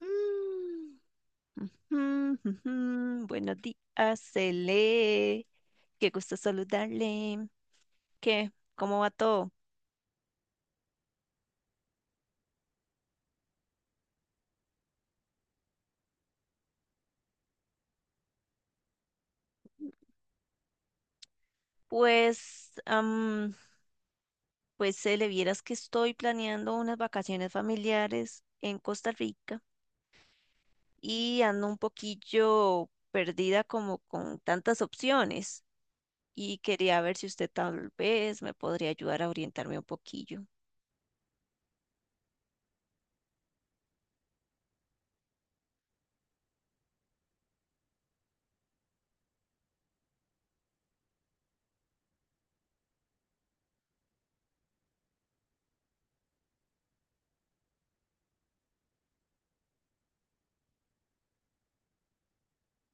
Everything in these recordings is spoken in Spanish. Mm, mm, ujú. Buenos días, Cele. Qué gusto saludarle. ¿Qué? ¿Cómo va todo? Pues, am, pues Cele, vieras que estoy planeando unas vacaciones familiares en Costa Rica y ando un poquillo perdida como con tantas opciones y quería ver si usted tal vez me podría ayudar a orientarme un poquillo.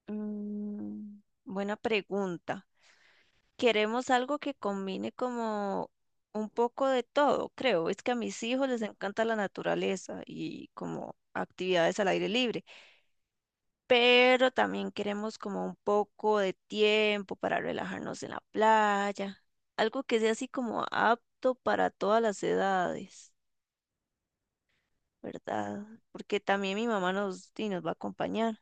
Mm, buena pregunta. Queremos algo que combine como un poco de todo, creo. Es que a mis hijos les encanta la naturaleza y como actividades al aire libre, pero también queremos como un poco de tiempo para relajarnos en la playa, algo que sea así como apto para todas las edades, ¿verdad? Porque también mi mamá nos, y nos va a acompañar.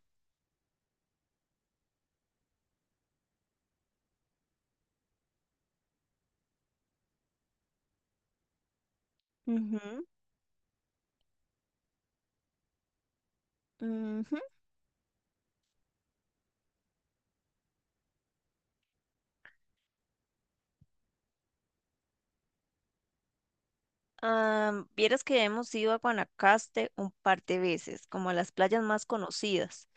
Ujú, ujú. Ah, vieras que hemos ido a Guanacaste un par de veces, como a las playas más conocidas,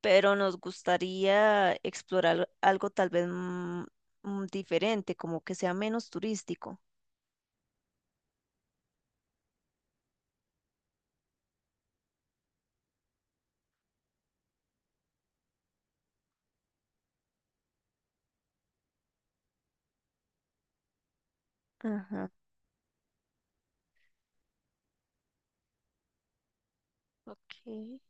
pero nos gustaría explorar algo tal vez diferente, como que sea menos turístico. Ajá. Ok.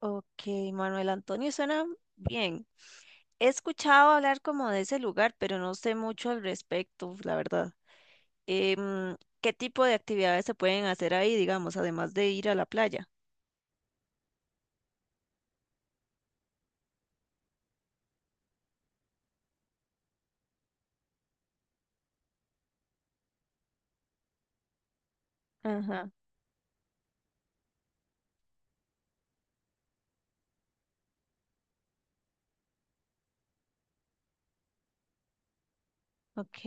Ok, Manuel Antonio suena bien. He escuchado hablar como de ese lugar, pero no sé mucho al respecto, la verdad. Em, ¿Qué tipo de actividades se pueden hacer ahí, digamos, además de ir a la playa? Ajá. Ok.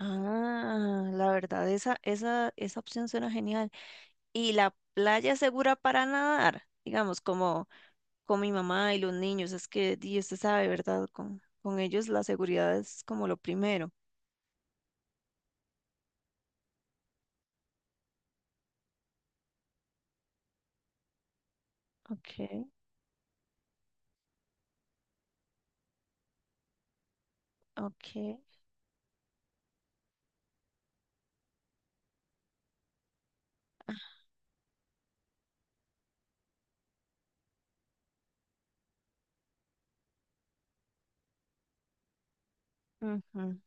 Ah, la verdad, esa opción suena genial. ¿Y la playa es segura para nadar? Digamos, como con mi mamá y los niños, es que di, usted sabe, ¿verdad? Con ellos la seguridad es como lo primero. Okay, okay, ujú,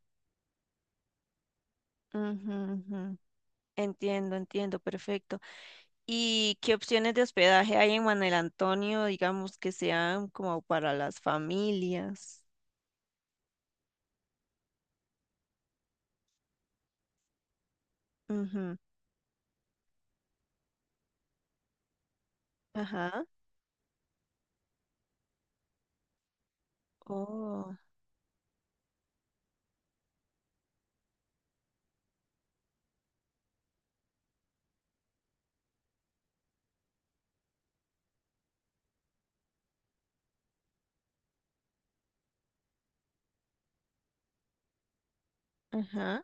ujú, ujú. Entiendo, entiendo, perfecto. ¿Y qué opciones de hospedaje hay en Manuel Antonio, digamos, que sean como para las familias? Ujú. Ajá. Oh, ajá.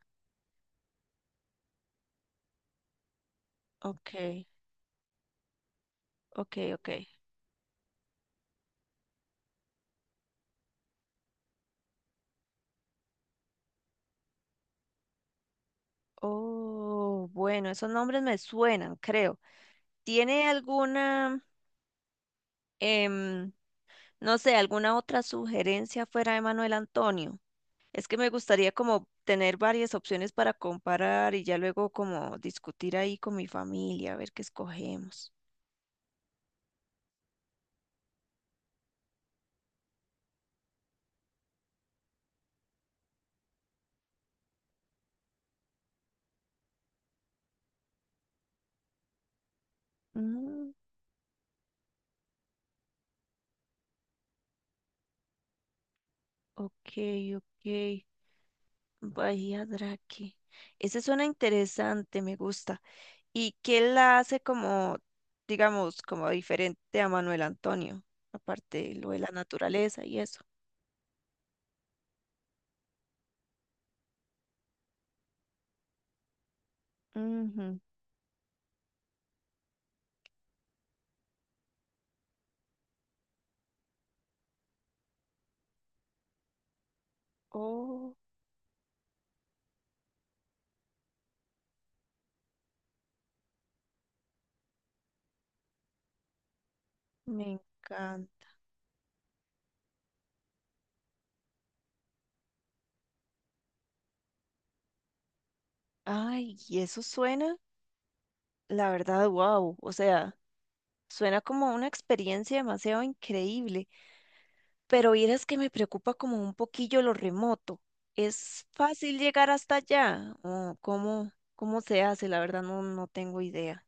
Ok. Ok, ok. Oh, bueno, esos nombres me suenan, creo. ¿Tiene alguna, em, no sé, alguna otra sugerencia fuera de Manuel Antonio? Es que me gustaría como tener varias opciones para comparar y ya luego como discutir ahí con mi familia, a ver qué escogemos. Mm, ok, ok. Bahía Drake. Ese suena interesante, me gusta. ¿Y qué la hace como, digamos, como diferente a Manuel Antonio? Aparte de lo de la naturaleza y eso. Ujú. Oh, me encanta. Ay, ¿y eso suena? La verdad, wow. O sea, suena como una experiencia demasiado increíble. Pero vieras que me preocupa como un poquillo lo remoto. ¿Es fácil llegar hasta allá? ¿O cómo, cómo se hace? La verdad, no, no tengo idea.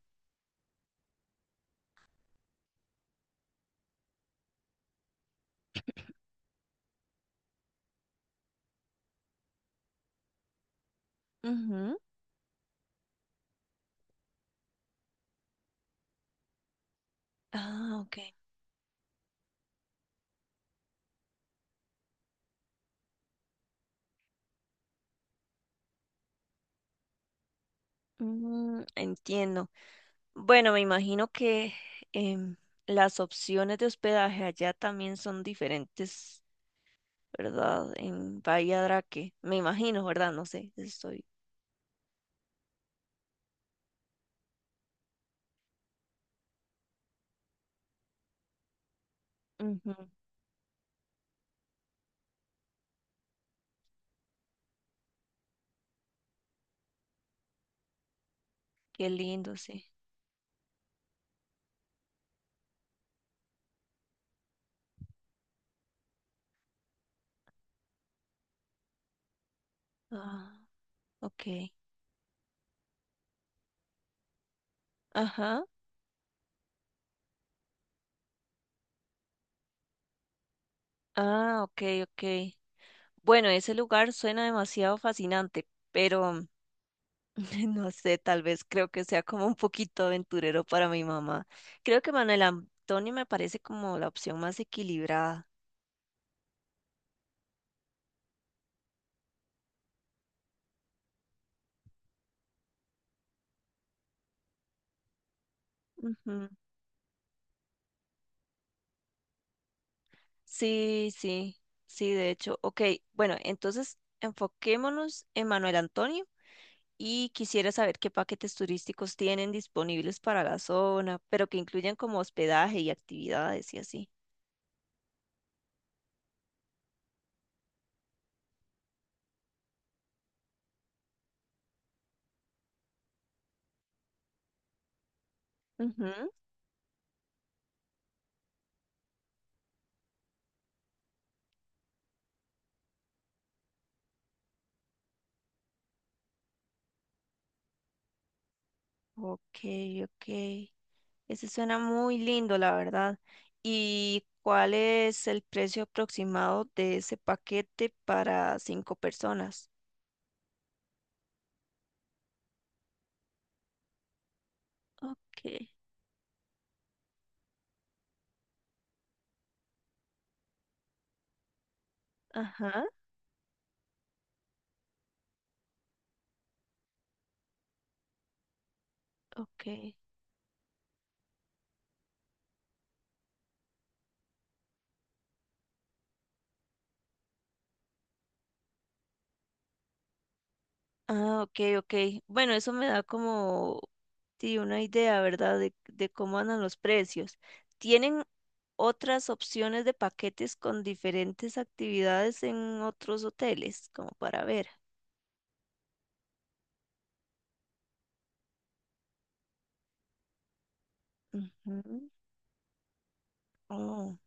Ujú. Ah, ok. Mm, entiendo. Bueno, me imagino que em, las opciones de hospedaje allá también son diferentes, ¿verdad? En Bahía Draque, me imagino, ¿verdad? No sé, estoy. Ujú. Qué lindo, sí. Ah, ok. Ajá. Ah, ok, ok. Bueno, ese lugar suena demasiado fascinante, pero no sé, tal vez creo que sea como un poquito aventurero para mi mamá. Creo que Manuel Antonio me parece como la opción más equilibrada. Sí, sí, sí, de hecho. Ok, bueno, entonces enfoquémonos en Manuel Antonio y quisiera saber qué paquetes turísticos tienen disponibles para la zona, pero que incluyan como hospedaje y actividades y así. Ujú. Ok, ok. Ese suena muy lindo, la verdad. ¿Y cuál es el precio aproximado de ese paquete para 5 personas? Ok, ajá, ok. Ah, ok, ok. Bueno, eso me da como sí, una idea, ¿verdad? De cómo andan los precios. ¿Tienen otras opciones de paquetes con diferentes actividades en otros hoteles, como para ver? Ujú. Oh,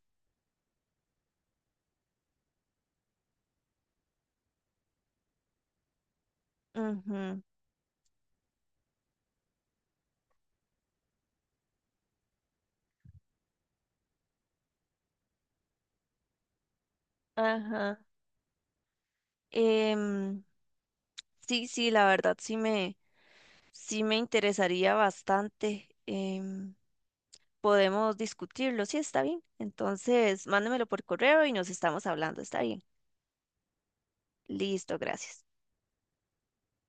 ujú. Ajá. Em, sí, sí, la verdad sí me interesaría bastante. Em, Podemos discutirlo, sí, está bien. Entonces, mándemelo por correo y nos estamos hablando, está bien. Listo, gracias.